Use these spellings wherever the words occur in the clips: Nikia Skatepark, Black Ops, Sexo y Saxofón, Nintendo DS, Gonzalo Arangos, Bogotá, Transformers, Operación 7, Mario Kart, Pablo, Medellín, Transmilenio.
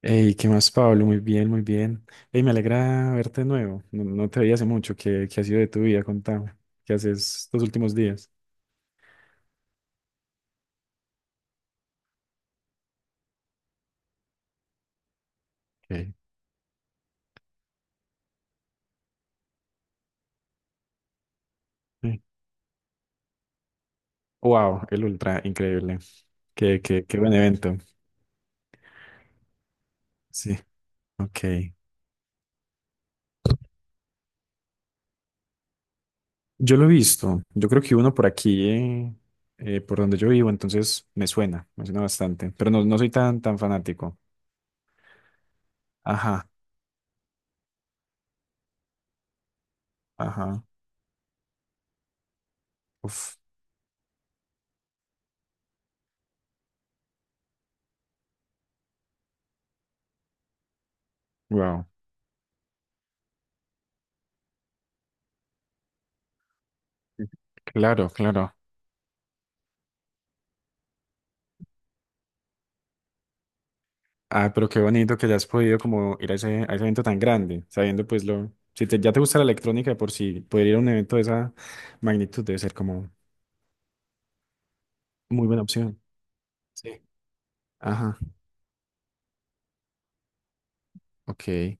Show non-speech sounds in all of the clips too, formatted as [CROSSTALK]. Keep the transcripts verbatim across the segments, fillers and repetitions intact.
Hey, ¿qué más, Pablo? Muy bien, muy bien. Hey, me alegra verte de nuevo. No, no te veía hace mucho. ¿Qué, qué ha sido de tu vida? Contame. ¿Qué haces estos últimos días? Okay. Sí. Wow, el Ultra, increíble. Qué, qué, qué buen evento. Sí, ok. Yo lo he visto. Yo creo que uno por aquí, eh, eh, por donde yo vivo, entonces me suena, me suena bastante. Pero no, no soy tan, tan fanático. Ajá, ajá. Uf, wow. Claro, claro. Ah, pero qué bonito que ya has podido como ir a ese, a ese evento tan grande, sabiendo pues lo... Si te- ya te gusta la electrónica de por sí, poder ir a un evento de esa magnitud debe ser como muy buena opción. Sí. Ajá, ok.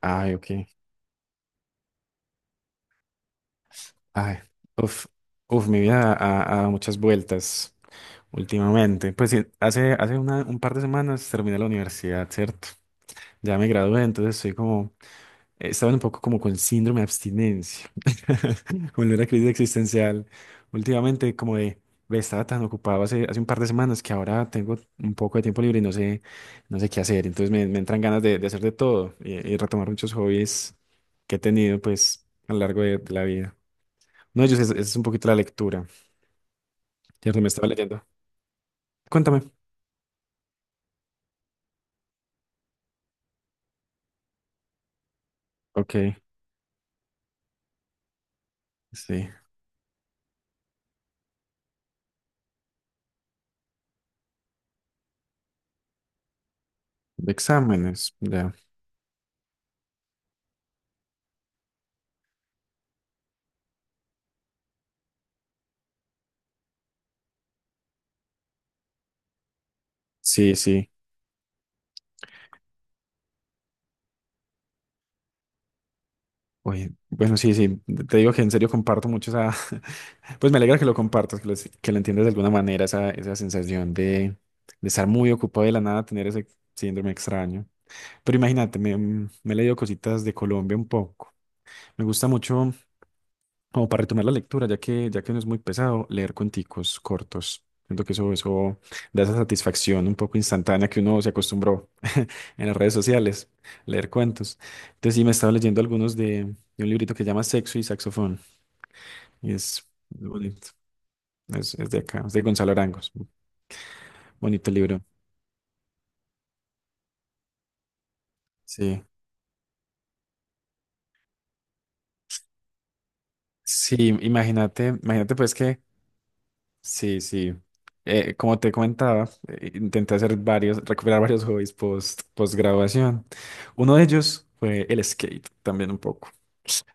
Ay, ok. Ay, uf, uf, mi vida ha, ha dado muchas vueltas últimamente. Pues sí, hace, hace una- un par de semanas terminé la universidad, ¿cierto? Ya me gradué, entonces estoy como eh, estaban un poco como con síndrome de abstinencia, [LAUGHS] como en una crisis existencial. Últimamente, como de, ve, estaba tan ocupado hace, hace un par de semanas que ahora tengo un poco de tiempo libre y no sé, no sé qué hacer. Entonces me, me entran ganas de, de hacer de todo y, y retomar muchos hobbies que he tenido, pues, a lo largo de, de la vida. No ellos es, es un poquito la lectura, ¿cierto? Me estaba leyendo. Cuéntame. Ok, sí. De exámenes, ya. Sí, sí. Oye, bueno, sí, sí, te digo que en serio comparto mucho esa, [LAUGHS] pues me alegra que lo compartas, que lo, que lo entiendas de alguna manera, esa, esa sensación de, de estar muy ocupado y de la nada, tener ese síndrome extraño. Pero imagínate, me, mm, me he leído cositas de Colombia un poco. Me gusta mucho como para retomar la lectura, ya que, ya que no es muy pesado, leer cuenticos cortos. Siento que eso, eso da esa satisfacción un poco instantánea que uno se acostumbró [LAUGHS] en las redes sociales, leer cuentos. Entonces sí, me estaba leyendo algunos de, de un librito que se llama Sexo y Saxofón. Y es, bonito. Es, es de acá, es de Gonzalo Arangos. Bonito libro. Sí. Sí, imagínate, imagínate pues que sí, sí. Eh, como te comentaba, eh, intenté hacer varios, recuperar varios hobbies post, post graduación. Uno de ellos fue el skate, también un poco.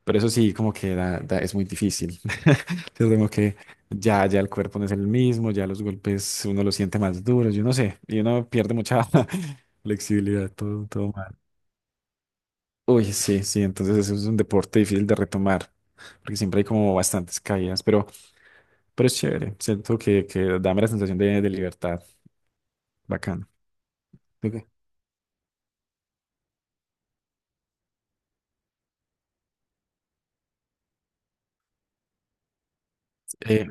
Pero eso sí, como que da- da- es muy difícil. [LAUGHS] Yo tengo que ya, ya el cuerpo no es el mismo, ya los golpes uno los siente más duros, yo no sé, y uno pierde mucha [LAUGHS] flexibilidad, todo, todo mal. Uy, sí, sí, entonces eso es un deporte difícil de retomar, porque siempre hay como bastantes caídas, pero, pero es chévere, siento que, que dame la sensación de, de libertad. Bacano. Ok. Eh,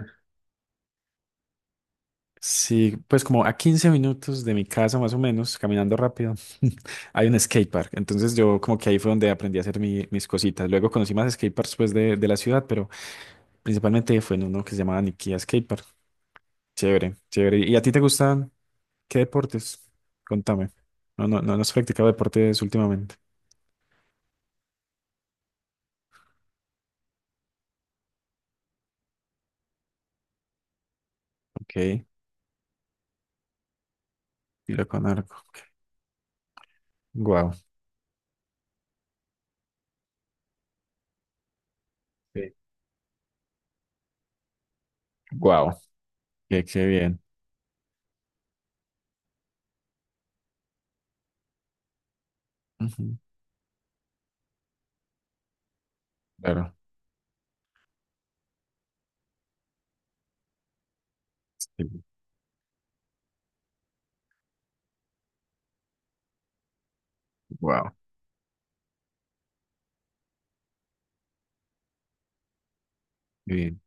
sí, pues como a quince minutos de mi casa más o menos, caminando rápido, [LAUGHS] hay un skatepark. Entonces yo como que ahí fue donde aprendí a hacer mi- mis cositas. Luego conocí más skateparks pues de, de la ciudad, pero principalmente fue en uno que se llamaba Nikia Skatepark. Chévere, chévere. ¿Y a ti te gustan qué deportes? Contame. No, no, no, no has practicado deportes últimamente. Ok, tiro con arco. Wow. Wow. Qué, qué bien. Ujú, claro. Wow. Qué bien.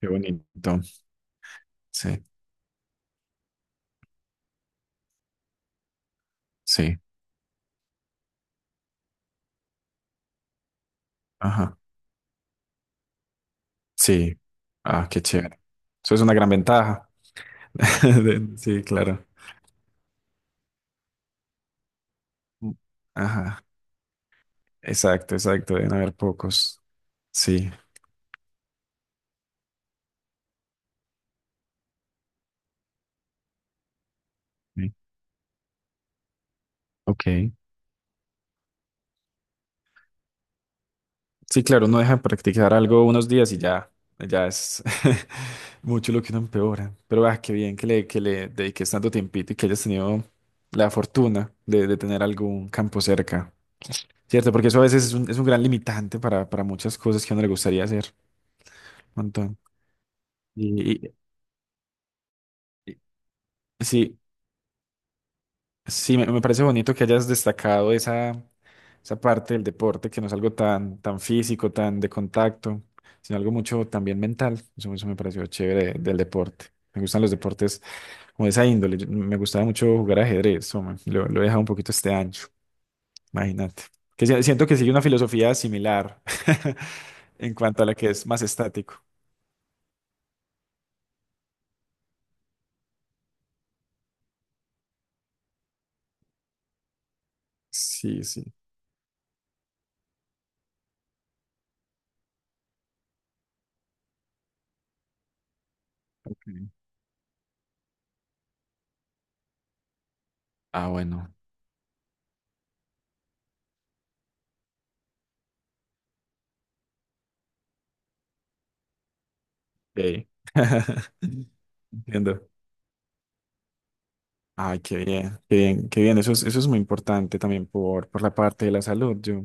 Qué bonito. Sí, sí, ajá, sí. Ah, qué chévere. Eso es una gran ventaja. [LAUGHS] De- Sí, claro. Ajá, exacto, exacto. Deben haber pocos. Sí. Sí, ok. Sí, claro, uno deja de practicar algo unos días y ya, ya es [LAUGHS] mucho lo que uno empeora. Pero ah, qué bien que le, que le dediques tanto tiempito y que hayas tenido la fortuna de, de tener algún campo cerca. ¿Cierto? Porque eso a veces es un, es un gran limitante para, para muchas cosas que a uno le gustaría hacer. Un montón. Y, y- y- sí, sí, me, me parece bonito que hayas destacado esa, esa parte del deporte, que no es algo tan, tan físico, tan de contacto, sino algo mucho también mental. Eso, eso me pareció chévere de- del deporte. Me gustan los deportes como de esa índole. Yo- Me gustaba mucho jugar ajedrez, hombre. Lo, lo he dejado un poquito este año, imagínate. Que si- siento que sigue una filosofía similar [LAUGHS] en cuanto a la que es más estático. Sí, sí. Ok. Ah, bueno. Ok. [LAUGHS] Entiendo. Ay, qué bien, qué bien, qué bien. Eso es, eso es muy importante también por, por la parte de la salud. Yo,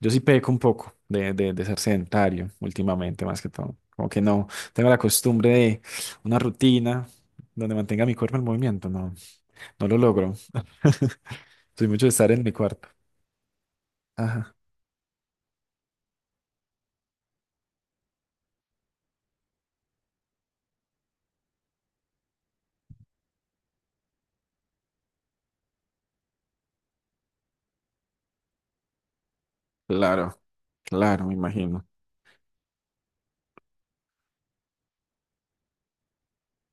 yo sí peco un poco de, de, de ser sedentario últimamente, más que todo. Como que no tengo la costumbre de una rutina donde mantenga mi cuerpo en movimiento. No, no lo logro. [LAUGHS] Soy mucho de estar en mi cuarto. Ajá. Claro, claro, me imagino.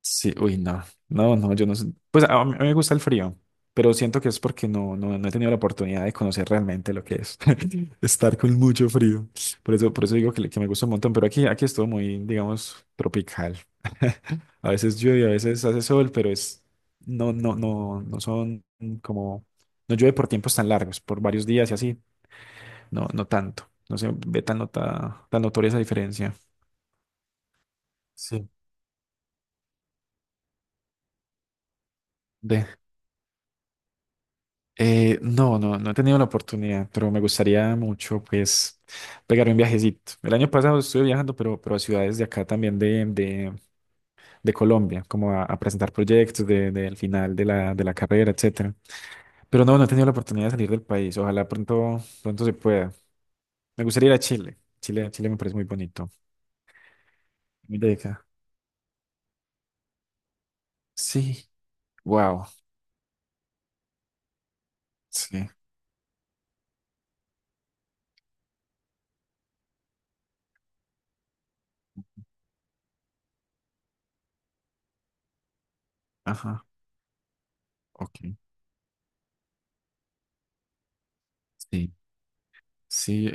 Sí, uy, no, no, no, yo no sé. Pues a mí, a mí me gusta el frío, pero siento que es porque no, no, no he tenido la oportunidad de conocer realmente lo que es [LAUGHS] estar con mucho frío. Por eso, por eso digo que, le- que me gusta un montón, pero aquí, aquí es todo muy, digamos, tropical. [LAUGHS] A veces llueve, a veces hace sol, pero es, no, no, no, no son como, no llueve por tiempos tan largos, por varios días y así, no, no tanto. No se ve tan, nota, tan notoria esa diferencia. Sí. Eh, no, no, no he tenido la oportunidad, pero me gustaría mucho, pues, pegar un viajecito. El año pasado estuve viajando, pero, pero a ciudades de acá también de, de, de Colombia, como a, a presentar proyectos de, del final de la, de la carrera, etcétera. Pero no, no he tenido la oportunidad de salir del país. Ojalá pronto, pronto se pueda. Me gustaría ir a Chile. Chile, Chile me parece muy bonito. Muy de acá. Sí. Wow. Sí. Ajá. Ok. Sí. Sí.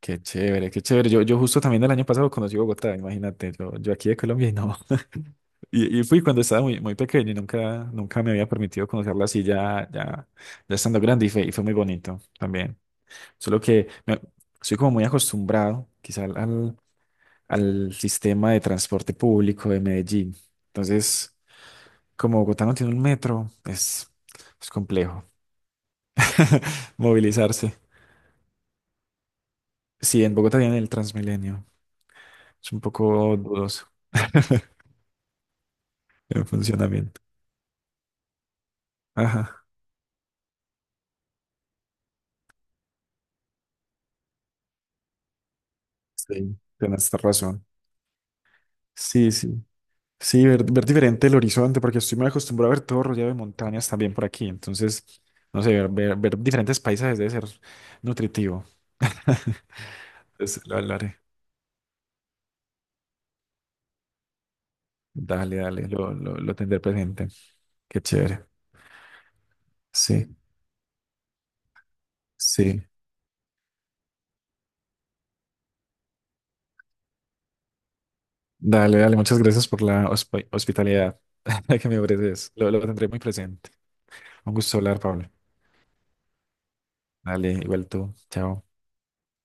Qué chévere, qué chévere. Yo, yo justo también el año pasado conocí Bogotá, imagínate, yo, yo aquí de Colombia y no. [LAUGHS] Y, y fui cuando estaba muy, muy pequeño y nunca, nunca me había permitido conocerla así ya, ya, ya estando grande y fue, y fue muy bonito también. Solo que me- soy como muy acostumbrado quizá al, al al sistema de transporte público de Medellín. Entonces, como Bogotá no tiene un metro, es, es complejo [LAUGHS] movilizarse. Sí, en Bogotá tienen el Transmilenio. Es un poco dudoso. En funcionamiento. Ajá, sí, tienes razón. Sí, sí. Sí, ver, ver diferente el horizonte, porque estoy muy acostumbrado a ver todo rodeado de montañas también por aquí. Entonces, no sé, ver, ver, ver diferentes paisajes debe ser nutritivo. [LAUGHS] Entonces, lo lo haré. Dale, dale, lo, lo, lo tendré presente. Qué chévere. Sí, sí. Dale, dale, muchas gracias por la hosp- hospitalidad [LAUGHS] que me ofreces. Lo, lo tendré muy presente. Un gusto hablar, Pablo. Dale, igual tú. Chao.